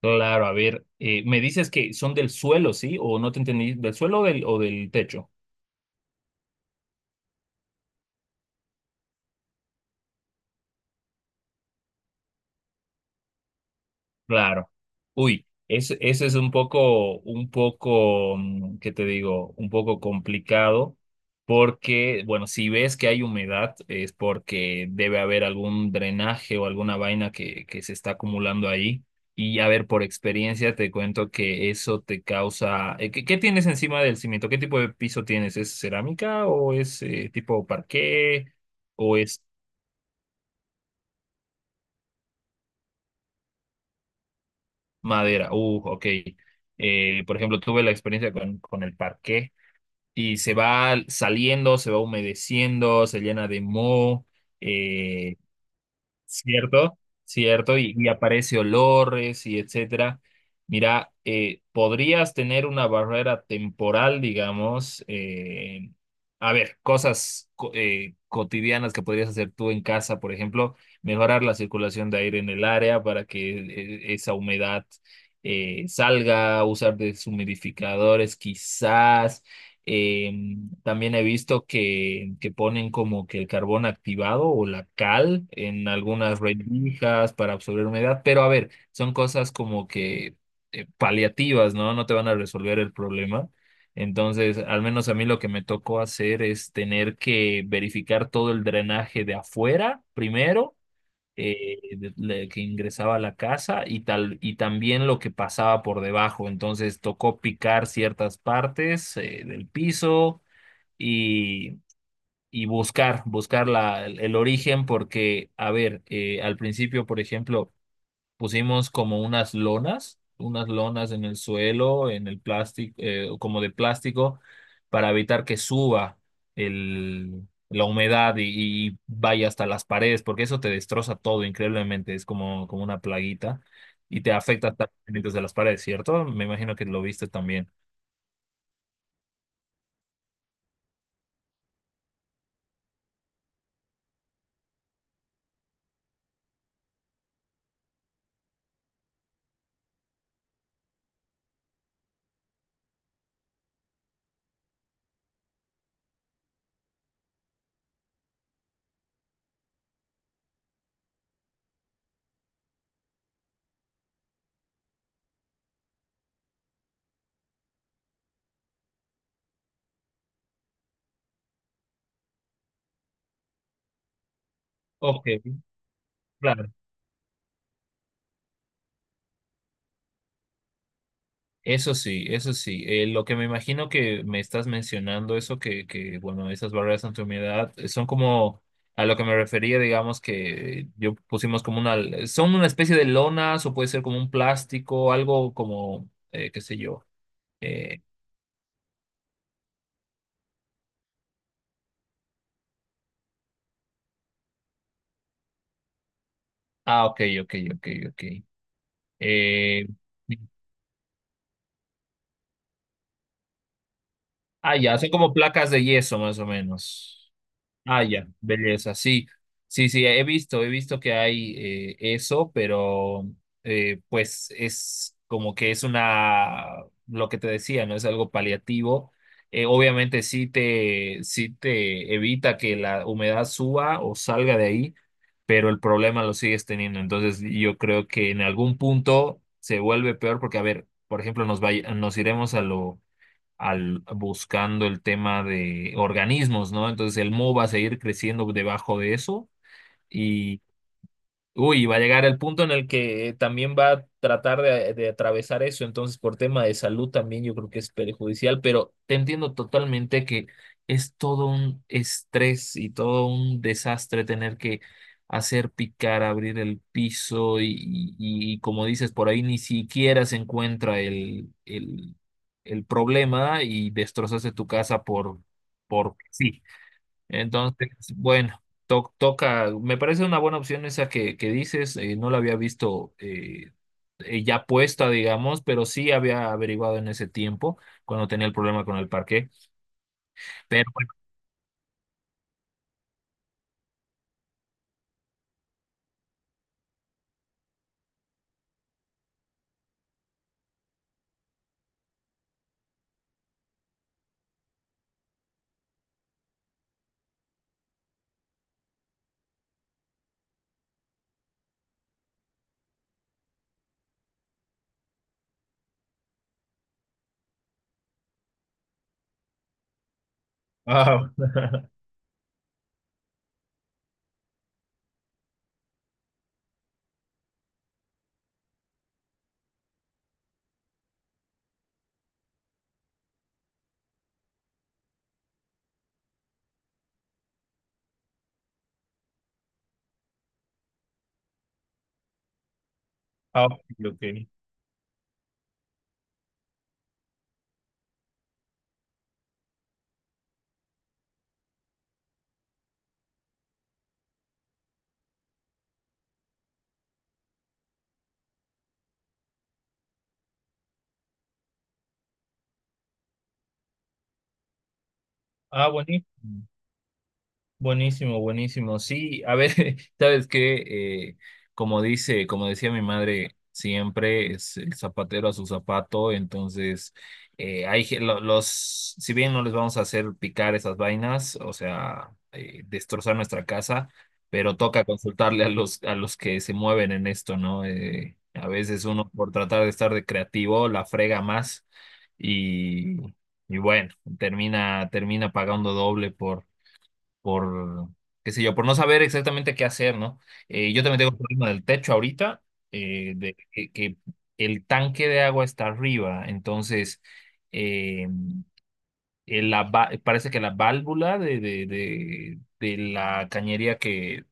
Claro, a ver, me dices que son del suelo, ¿sí? O no te entendí, ¿del suelo o del techo? Claro. Uy, eso es un poco, ¿qué te digo? Un poco complicado porque, bueno, si ves que hay humedad es porque debe haber algún drenaje o alguna vaina que se está acumulando ahí. Y a ver, por experiencia te cuento que eso te causa... ¿Qué, qué tienes encima del cimiento? ¿Qué tipo de piso tienes? ¿Es cerámica o es tipo parqué o es madera? Ok, por ejemplo, tuve la experiencia con el parqué y se va saliendo, se va humedeciendo, se llena de moho, eh, ¿cierto? ¿Cierto? Y aparece olores y etcétera. Mira, podrías tener una barrera temporal, digamos. A ver, cotidianas que podrías hacer tú en casa, por ejemplo, mejorar la circulación de aire en el área para que esa humedad salga, usar deshumidificadores quizás. em, También he visto que ponen como que el carbón activado o la cal en algunas rendijas para absorber humedad, pero a ver, son cosas como que paliativas, ¿no? No te van a resolver el problema. Entonces, al menos a mí lo que me tocó hacer es tener que verificar todo el drenaje de afuera primero, que ingresaba a la casa y tal, y también lo que pasaba por debajo. Entonces, tocó picar ciertas partes, del piso y, y buscar el origen, porque, a ver, al principio, por ejemplo, pusimos como unas lonas en el suelo, en el plástico, como de plástico, para evitar que suba la humedad y vaya hasta las paredes, porque eso te destroza todo increíblemente, es como una plaguita. Y te afecta hasta los cimientos de las paredes, ¿cierto? Me imagino que lo viste también. Ok, claro. Eso sí, eso sí. Lo que me imagino que me estás mencionando, eso bueno, esas barreras ante humedad son como a lo que me refería, digamos que yo pusimos como una, son una especie de lonas o puede ser como un plástico, algo como, qué sé yo. Eh, ah, ok, ok, ok, ok. Eh, ah, ya, son como placas de yeso más o menos. Ah, ya, belleza, sí, sí, sí, he visto que hay eso, pero pues es como que es una, lo que te decía, ¿no? Es algo paliativo. Obviamente sí te evita que la humedad suba o salga de ahí, pero el problema lo sigues teniendo. Entonces yo creo que en algún punto se vuelve peor porque, a ver, por ejemplo, nos iremos buscando el tema de organismos, ¿no? Entonces el Mo va a seguir creciendo debajo de eso. Uy, va a llegar el punto en el que también va a tratar de atravesar eso, entonces por tema de salud también yo creo que es perjudicial, pero te entiendo totalmente que es todo un estrés y todo un desastre tener que hacer picar, abrir el piso y como dices, por ahí ni siquiera se encuentra el problema y destrozaste tu casa por sí. Entonces, bueno, toca, me parece una buena opción esa que dices, no la había visto ya puesta, digamos, pero sí había averiguado en ese tiempo, cuando tenía el problema con el parque, pero bueno. Ah, ah, ok, ok. Ah, buenísimo. Buenísimo, buenísimo. Sí, a ver, sabes que como dice, como decía mi madre, siempre es el zapatero a su zapato. Entonces, los, si bien no les vamos a hacer picar esas vainas, o sea, destrozar nuestra casa, pero toca consultarle a los que se mueven en esto, ¿no? A veces uno por tratar de estar de creativo la frega más y y bueno, termina pagando doble por, qué sé yo, por no saber exactamente qué hacer, ¿no? Yo también tengo un problema del techo ahorita, que el tanque de agua está arriba, entonces eh, parece que la válvula de la cañería que,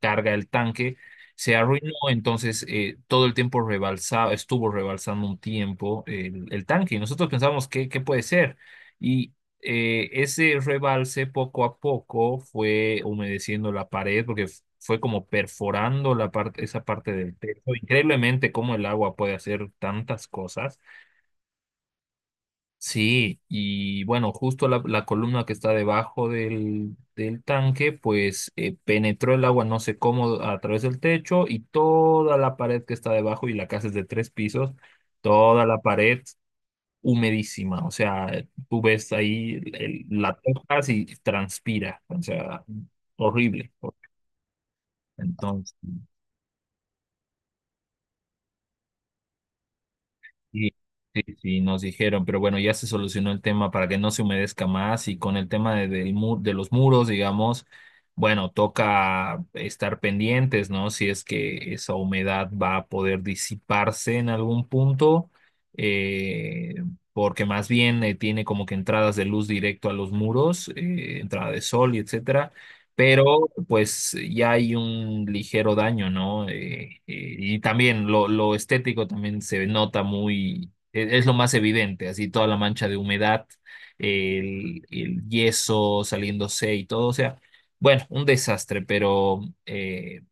carga el tanque, se arruinó, entonces todo el tiempo rebalsaba, estuvo rebalsando un tiempo el tanque y nosotros pensamos, ¿qué, qué puede ser? Y ese rebalse poco a poco fue humedeciendo la pared porque fue como perforando la parte, esa parte del techo. Increíblemente cómo el agua puede hacer tantas cosas. Sí, y bueno, justo la columna que está debajo del tanque, pues penetró el agua no sé cómo a través del techo y toda la pared que está debajo, y la casa es de tres pisos, toda la pared humedísima. O sea, tú ves ahí, la tocas y transpira. O sea, horrible. Entonces. Sí, sí, sí, nos dijeron, pero bueno, ya se solucionó el tema para que no se humedezca más y con el tema de los muros, digamos, bueno, toca estar pendientes, ¿no? Si es que esa humedad va a poder disiparse en algún punto, eh, porque más bien tiene como que entradas de luz directo a los muros, entrada de sol y etcétera, pero pues ya hay un ligero daño, ¿no? Y también lo estético también se nota muy, es lo más evidente, así toda la mancha de humedad, el yeso saliéndose y todo, o sea, bueno, un desastre, pero... eh,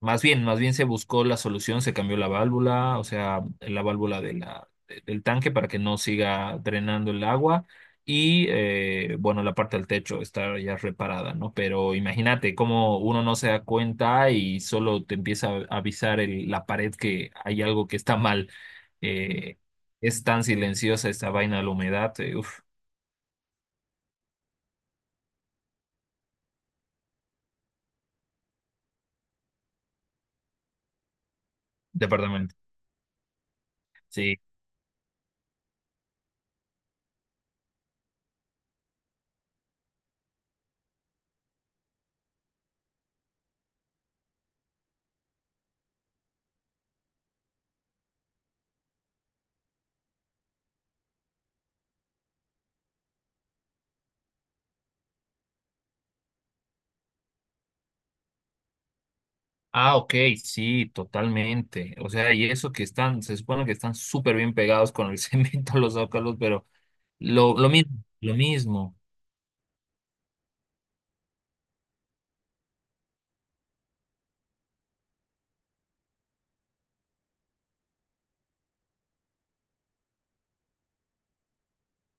más bien se buscó la solución, se cambió la válvula, o sea, la válvula del tanque para que no siga drenando el agua. Y bueno, la parte del techo está ya reparada, ¿no? Pero imagínate cómo uno no se da cuenta y solo te empieza a avisar la pared que hay algo que está mal. Eh, es tan silenciosa esta vaina de la humedad, uf, departamento. Sí. Ah, ok, sí, totalmente. O sea, y eso que están, se supone que están súper bien pegados con el cemento los zócalos, pero lo, lo mismo, lo mismo,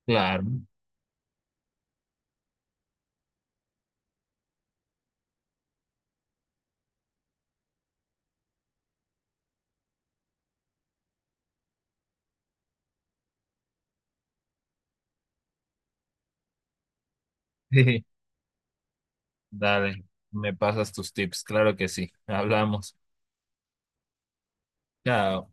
claro. Dale, me pasas tus tips, claro que sí. Hablamos. Chao.